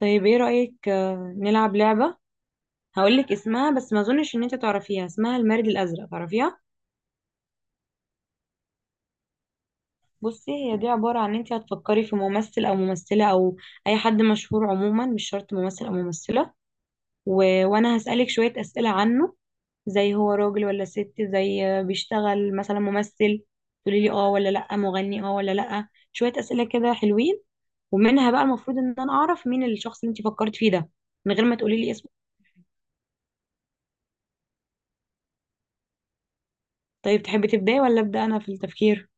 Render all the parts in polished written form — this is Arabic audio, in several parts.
طيب، ايه رأيك، نلعب لعبة؟ هقولك اسمها، بس ما اظنش ان انت تعرفيها. اسمها المارد الازرق، تعرفيها؟ بصي، هي دي عبارة عن ان انت هتفكري في ممثل او ممثلة او اي حد مشهور. عموما مش شرط ممثل او ممثلة، و... وانا هسألك شوية اسئلة عنه. زي هو راجل ولا ست، زي آه، بيشتغل مثلا ممثل، تقولي لي اه ولا لا، مغني اه ولا لا، شوية اسئلة كده حلوين. ومنها بقى المفروض ان انا اعرف مين الشخص اللي انت فكرت فيه ده من غير ما تقولي لي اسمه. طيب، تحبي تبداي ولا ابدا انا في التفكير؟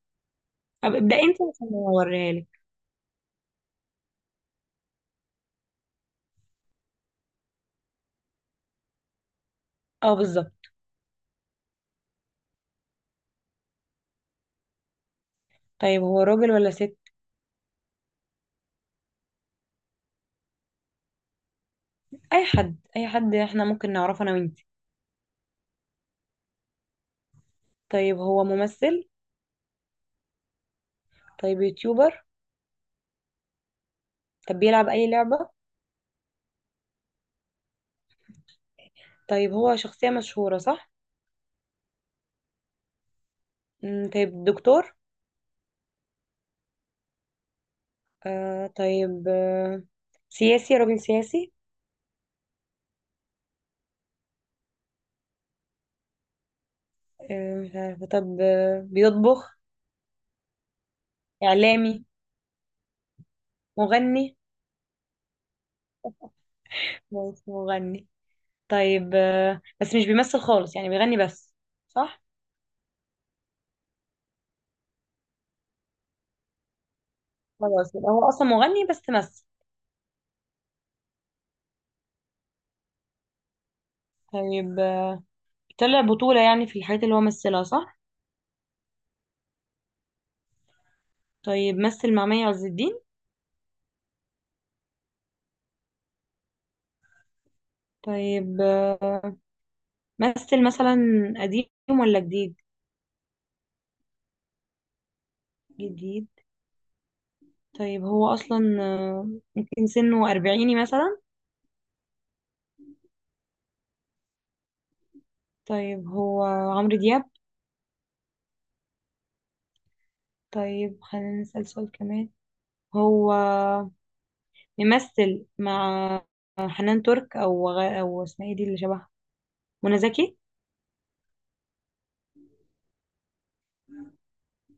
طب ابدأ انت عشان اوريها لك. اه، بالظبط. طيب، هو راجل ولا ست؟ اي حد، اي حد احنا ممكن نعرفه انا وانت. طيب، هو ممثل؟ طيب، يوتيوبر؟ طب بيلعب اي لعبة؟ طيب، هو شخصية مشهورة، صح؟ طيب، دكتور؟ طيب، سياسي، راجل سياسي؟ مش عارفة. طب، بيطبخ؟ إعلامي؟ مغني؟ هو مش مغني. طيب، بس مش بيمثل خالص، يعني بيغني بس، صح؟ خلاص، يبقى هو أصلا مغني بس تمثل. طيب طلع بطولة يعني في الحاجات اللي هو مثلها، صح؟ طيب، مثل مع مي عز الدين؟ طيب، مثل مثلا قديم ولا جديد؟ جديد. طيب هو أصلا ممكن سنه أربعيني مثلا؟ طيب، هو عمرو دياب؟ طيب خلينا نسأل سؤال كمان. هو ممثل مع حنان ترك أو اسمها ايه دي اللي شبهها، منى زكي؟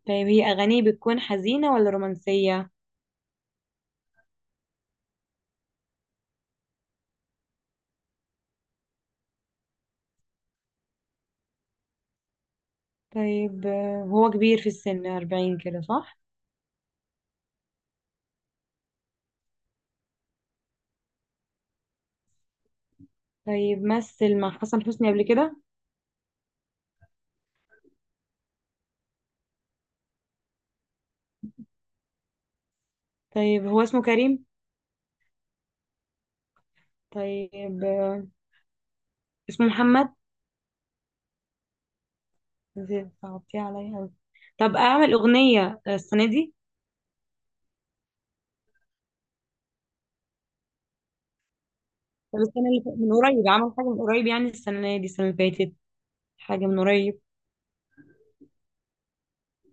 طيب، هي أغانيه بتكون حزينة ولا رومانسية؟ طيب، هو كبير في السن، أربعين كده، صح؟ طيب، مثل مع حسن حسني قبل كده؟ طيب، هو اسمه كريم؟ طيب، اسمه محمد؟ صعبتيه عليا أوي. طب اعمل اغنيه السنه دي؟ طب من قريب، عمل حاجه من قريب، يعني السنه دي، السنه اللي فاتت، حاجه من قريب؟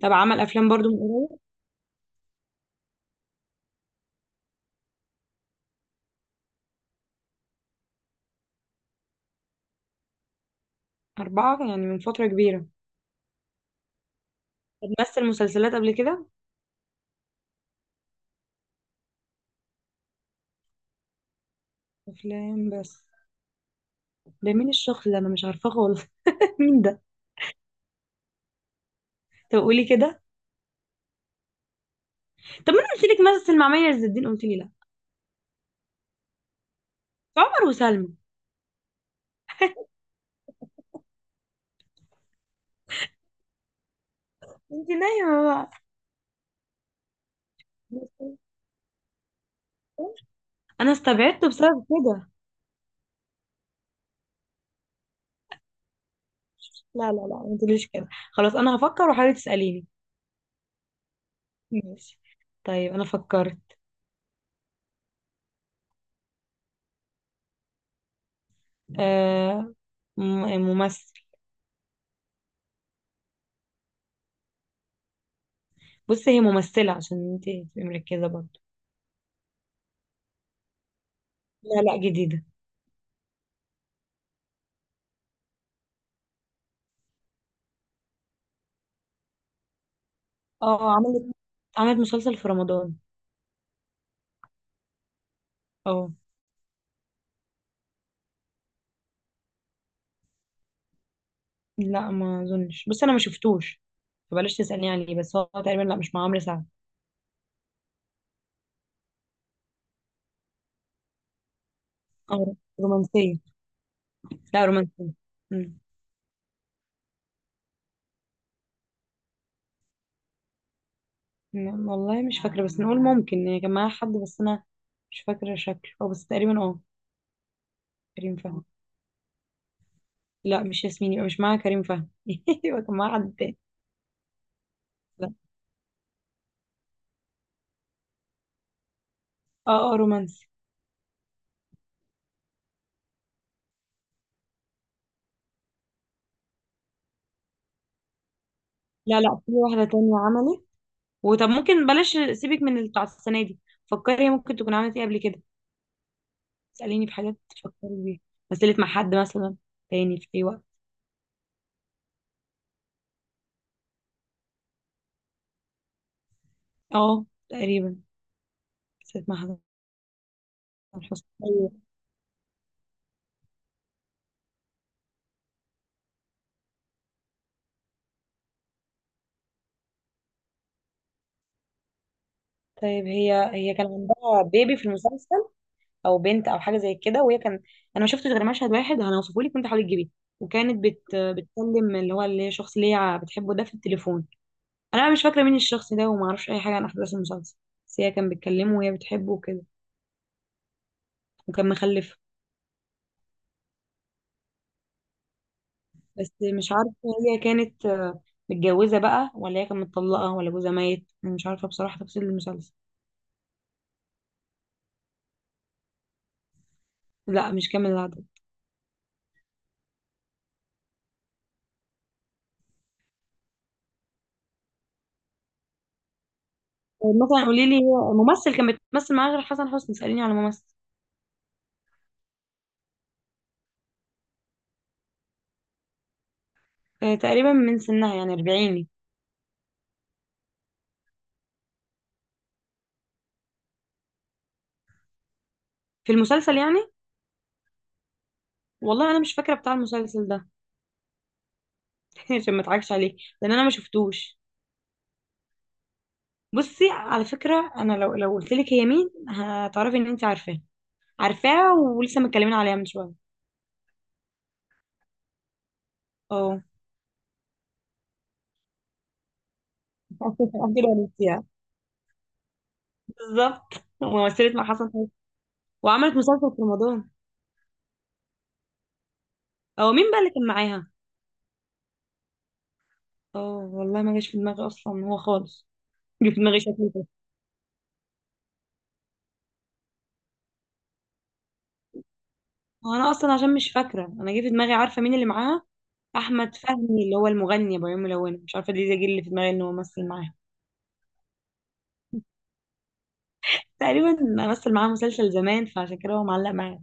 طب عمل افلام برضو من قريب؟ اربعه، يعني من فتره كبيره. طب مثل مسلسلات قبل كده؟ افلام بس. ده مين الشخص ده، انا مش عارفاه خالص. مين ده؟ طب قولي كده. طب ما انا قلت لك، مثل مع مي عز الدين، قلت لي لا. عمر وسلمى؟ انت نايمه بقى. انا استبعدته بسبب كده. لا لا لا، ما تقوليش كده. خلاص، انا هفكر وحاولي تسأليني. ماشي. طيب، انا فكرت. آه م- ممثل. بصي هي ممثلة عشان انت تبقي مركزة برضه. لا، لا جديدة. اه، عملت مسلسل في رمضان. اه لا، ما اظنش، بس انا ما شفتوش، فبلاش تسألني عليه، بس هو تقريبا لا، مش مع عمرو سعد. اه، رومانسية. لا، رومانسية. مم. لا، والله مش فاكرة، بس نقول ممكن يعني كان معاها حد، بس انا مش فاكرة شكله، اه بس تقريبا اه. كريم فهمي. لا، مش ياسمين، يبقى مش معاها كريم فهمي. يبقى كان معاها حد تاني. لا. اه اه، رومانسي. لا لا، في واحدة تانية عملت. وطب ممكن بلاش، سيبك من اللي بتاع السنة دي. فكري هي ممكن تكون عملت ايه قبل كده. اسأليني في حاجات تفكري بيها. مثلت مع حد مثلا تاني في اي وقت؟ اه، تقريبا. مثلت مع حد. حسن حسني. ايوه. طيب هي كان عندها بيبي في المسلسل، او بنت او حاجه زي كده، وهي كان، انا ما شفتش غير مشهد واحد هنوصفه لك، وانت حاولي تجيبيه. وكانت بتكلم اللي هي الشخص اللي هي بتحبه ده في التليفون. انا بقى مش فاكره مين الشخص ده، وما اعرفش اي حاجه عن احداث المسلسل، بس هي كان بتكلمه وهي بتحبه وكده، وكان مخلفه. بس مش عارفه، هي كانت متجوزه بقى، ولا هي كانت مطلقه، ولا جوزها ميت، انا مش عارفه بصراحه تفاصيل المسلسل. لا، مش كامل العدد. مثلا قولي لي هو ممثل كان بتمثل معاه غير حسن حسني، سأليني على ممثل. تقريبا من سنها، يعني 40. في المسلسل يعني. والله انا مش فاكره بتاع المسلسل ده. عشان ما اضحكش عليك، لان انا ما شفتوش. بصي، على فكره، انا لو قلت لك هي مين هتعرفي ان انت عارفاه، عارفاها. ولسه متكلمين عليها من شويه. اه. عبد الوليد يعني. بالظبط. ومثلت مع حسن حسني، وعملت مسلسل في رمضان. او مين بقى اللي كان معاها؟ اه، والله ما جاش في دماغي اصلا هو خالص. جه في دماغي شكله بس. انا اصلا عشان مش فاكره، انا جه في دماغي عارفه مين اللي معاها. احمد فهمي، اللي هو المغني ابو عيون ملونه، مش عارفه دي زي جه اللي في دماغي ان هو مثل معاها. تقريبا. مثل معاه مسلسل زمان، فعشان كده هو معلق معايا.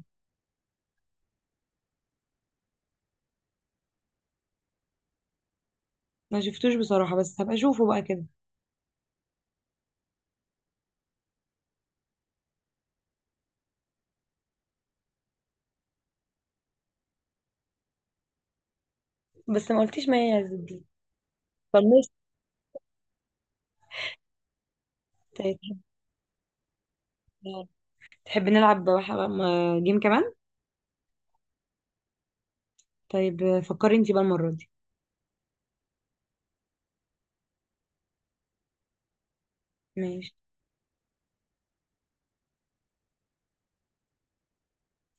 ما شفتوش بصراحة، بس هبقى اشوفه بقى كده. بس ما قلتيش ما هي دي. طنشت. تحب تحب نلعب بقى جيم كمان؟ طيب فكري انتي بقى المرة دي. ماشي.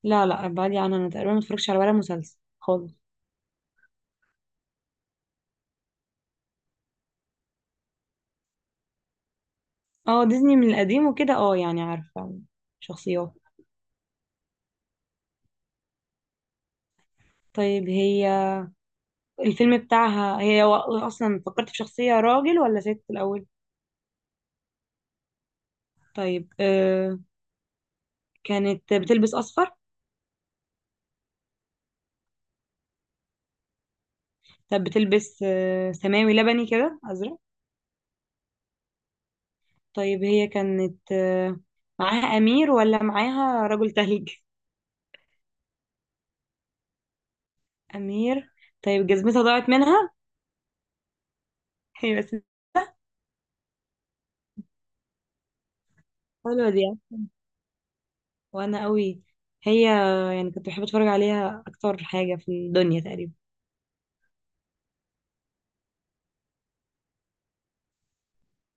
لا لا، ابعدي عنها، انا تقريبا ما اتفرجتش على ولا مسلسل خالص. اه، ديزني من القديم وكده، اه يعني عارفة شخصيات. طيب، هي الفيلم بتاعها، اصلا فكرت في شخصية راجل ولا ست الاول؟ طيب كانت بتلبس اصفر؟ كانت بتلبس سماوي لبني كده، أزرق. طيب هي كانت معاها أمير ولا معاها رجل تلج؟ أمير. طيب جزمتها ضاعت منها؟ هي بس. حلوة دي. وأنا قوي. هي يعني كنت بحب أتفرج عليها أكتر حاجة في الدنيا تقريبا.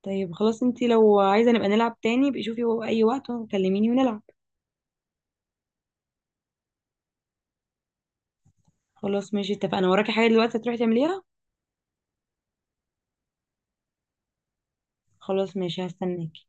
طيب خلاص، انتي لو عايزة نبقى نلعب تاني بقي، شوفي أي وقت وكلميني ونلعب. خلاص ماشي، اتفقنا. وراكي حاجة دلوقتي هتروحي تعمليها؟ خلاص ماشي، هستناكي.